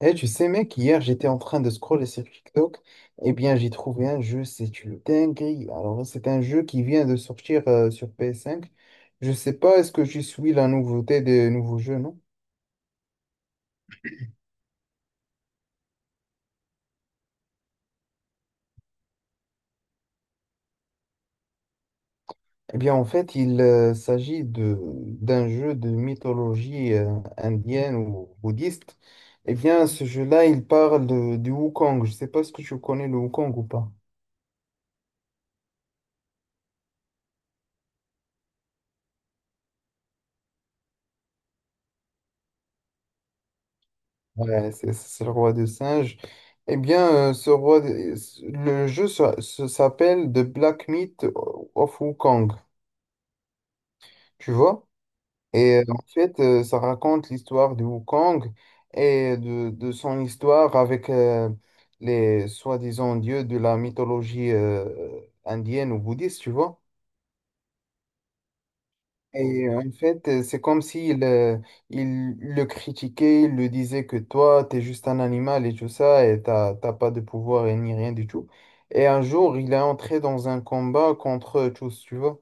Eh, tu sais, mec, hier, j'étais en train de scroller sur TikTok. Eh bien, j'ai trouvé un jeu, c'est une dinguerie. Alors, c'est un jeu qui vient de sortir sur PS5. Je sais pas, est-ce que je suis la nouveauté des nouveaux jeux, non? Eh bien, en fait, il s'agit de d'un jeu de mythologie indienne ou bouddhiste. Eh bien, ce jeu-là, il parle du Wukong. Je sais pas ce que tu connais le Wukong ou pas. Ouais, c'est le roi des singes. Eh bien, le jeu s'appelle The Black Myth of Wukong, tu vois? Et en fait, ça raconte l'histoire de Wukong et de son histoire avec les soi-disant dieux de la mythologie indienne ou bouddhiste, tu vois? Et en fait, c'est comme s'il il le critiquait, il le disait que toi, t'es juste un animal et tout ça, et t'as pas de pouvoir et ni rien du tout. Et un jour, il est entré dans un combat contre eux tous, tu vois.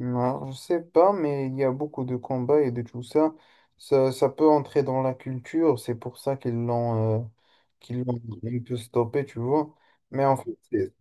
Alors, je sais pas, mais il y a beaucoup de combats et de tout ça. Ça peut entrer dans la culture, c'est pour ça qu'ils l'ont un peu stoppé, tu vois. Mais en fait, c'est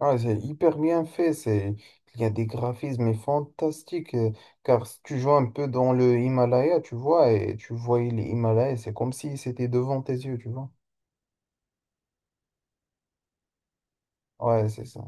Ah, c'est hyper bien fait, il y a des graphismes fantastiques, car si tu joues un peu dans le Himalaya, tu vois, et tu voyais les Himalayas, c'est comme si c'était devant tes yeux, tu vois. Ouais, c'est ça.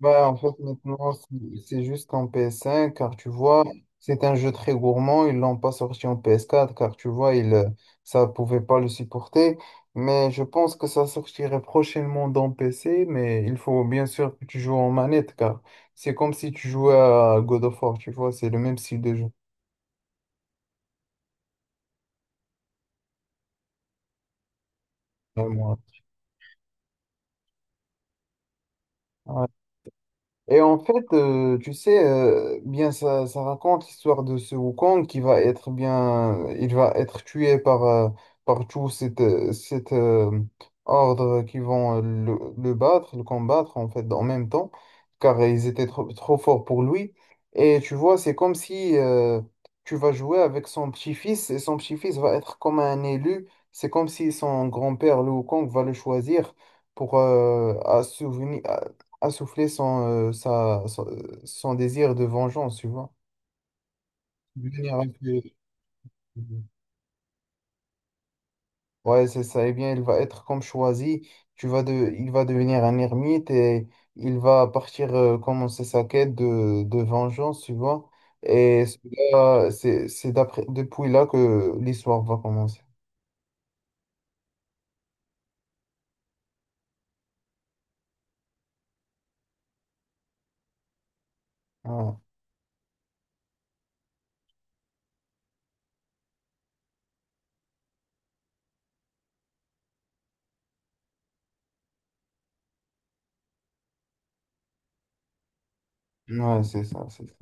Bah, en fait, maintenant, c'est juste en PS5, car tu vois, c'est un jeu très gourmand. Ils l'ont pas sorti en PS4, car tu vois, ça pouvait pas le supporter. Mais je pense que ça sortirait prochainement dans PC, mais il faut bien sûr que tu joues en manette, car c'est comme si tu jouais à God of War, tu vois, c'est le même style de jeu. Ouais. Et en fait, tu sais, bien ça, ça raconte l'histoire de ce Wukong qui va être bien, il va être tué par tout cet ordre qui vont le battre, le combattre en fait en même temps, car ils étaient trop, trop forts pour lui. Et tu vois, c'est comme si tu vas jouer avec son petit-fils et son petit-fils va être comme un élu. C'est comme si son grand-père, le Wukong, va le choisir pour à souvenir assouffler son désir de vengeance, tu vois. Devenir un peu- Ouais, c'est ça. Eh bien, il va être comme choisi. Il va devenir un ermite et il va partir commencer sa quête de vengeance, tu vois. Et cela, c'est d'après depuis là que l'histoire va commencer. Ouais. Ouais, c'est ça, c'est ça.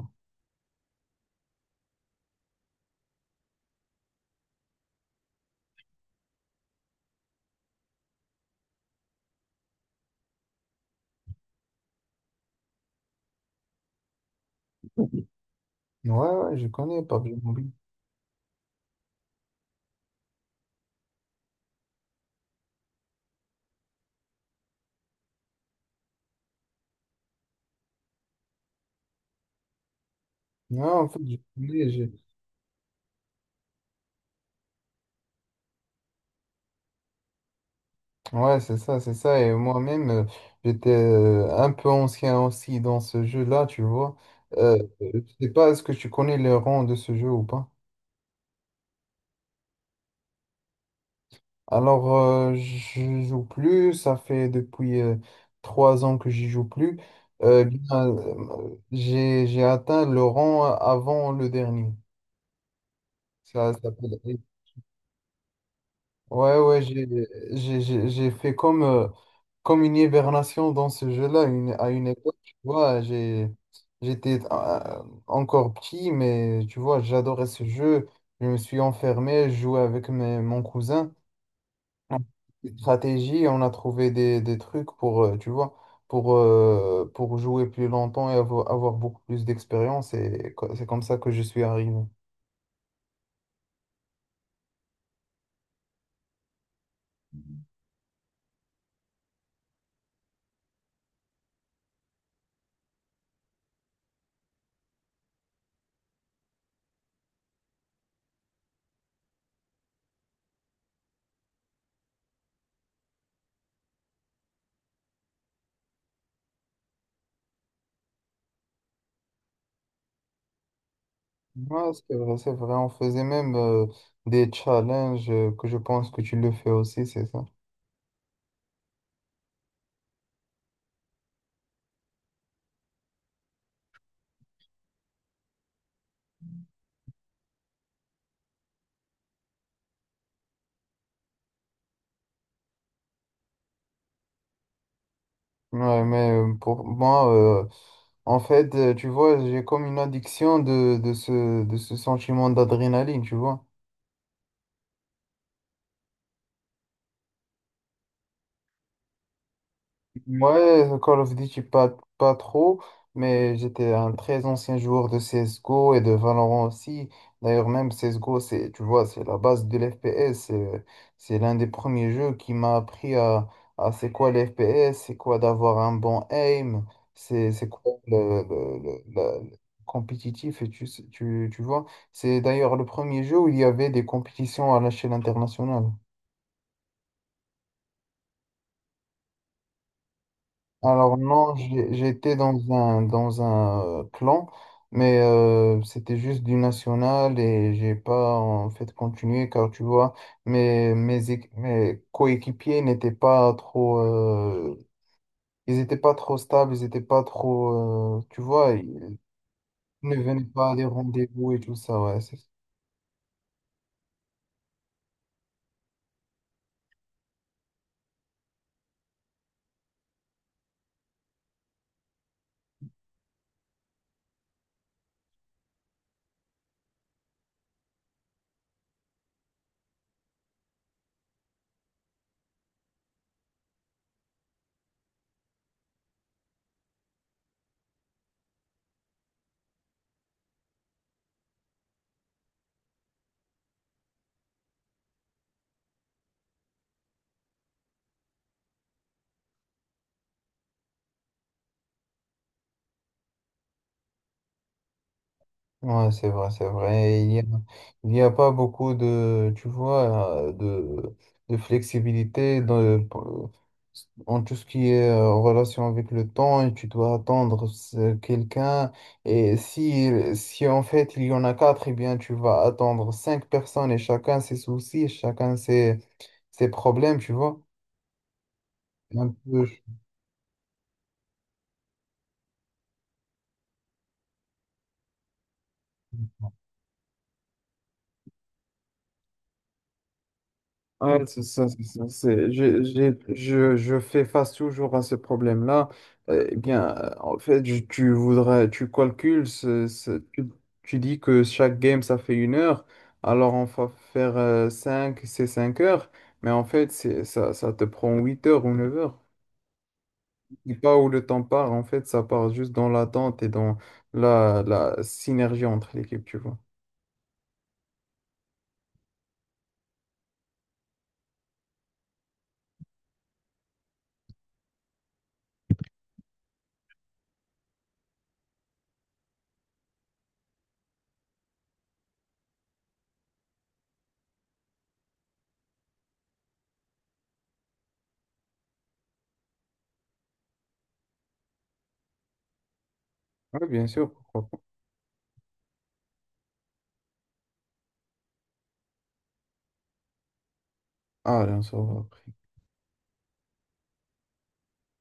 Ouais, ouais, je connais pas bien. Ouais, en fait, je connais. Ouais, c'est ça, c'est ça. Et moi-même, j'étais un peu ancien aussi dans ce jeu-là, tu vois. Je sais pas, est-ce que tu connais les rangs de ce jeu ou pas? Alors, je joue plus. Ça fait depuis 3 ans que j'y joue plus. Bien, j'ai atteint le rang avant le dernier. Ça s'appelle. Ouais, ouais, j'ai fait comme une hibernation dans ce jeu-là à une époque, tu vois, j'étais encore petit, mais tu vois, j'adorais ce jeu. Je me suis enfermé, je jouais avec mon cousin. Stratégie, on a trouvé des trucs tu vois, pour jouer plus longtemps et avoir, beaucoup plus d'expérience. Et c'est comme ça que je suis arrivé. Ouais, c'est vrai, c'est vrai. On faisait même des challenges que je pense que tu le fais aussi, c'est ça? Ouais, mais pour moi, euh, en fait, tu vois, j'ai comme une addiction de ce sentiment d'adrénaline, tu vois. Ouais, Call of Duty, pas, pas trop, mais j'étais un très ancien joueur de CSGO et de Valorant aussi. D'ailleurs, même CSGO, c'est, tu vois, c'est la base de l'FPS. C'est l'un des premiers jeux qui m'a appris à c'est quoi l'FPS, c'est quoi d'avoir un bon aim, c'est quoi le compétitif, et tu vois. C'est d'ailleurs le premier jeu où il y avait des compétitions à l'échelle internationale. Alors non, j'étais dans un, clan, mais c'était juste du national et j'ai pas en fait continué car tu vois, mes coéquipiers n'étaient pas trop, ils étaient pas trop stables, ils étaient pas trop, tu vois, ils ne venaient pas à des rendez-vous et tout ça, ouais, c'est. Ouais, c'est vrai, c'est vrai. Il y a pas beaucoup tu vois, de flexibilité en tout ce qui est en relation avec le temps et tu dois attendre quelqu'un. Et si en fait il y en a quatre, eh bien tu vas attendre 5 personnes et chacun ses soucis, chacun ses problèmes, tu vois. Un peu. Ouais, c'est ça, c'est ça. Je fais face toujours à ce problème-là. Eh bien, en fait, tu voudrais, tu calcules, tu dis que chaque game, ça fait 1 heure, alors on va faire 5 c'est 5 heures, mais en fait, ça, ça te prend 8 heures ou 9 heures. Et pas où le temps part, en fait, ça part juste dans l'attente et dans la synergie entre l'équipe, tu vois. Oui, bien sûr, pourquoi pas. Ah, allez, on se revoit après.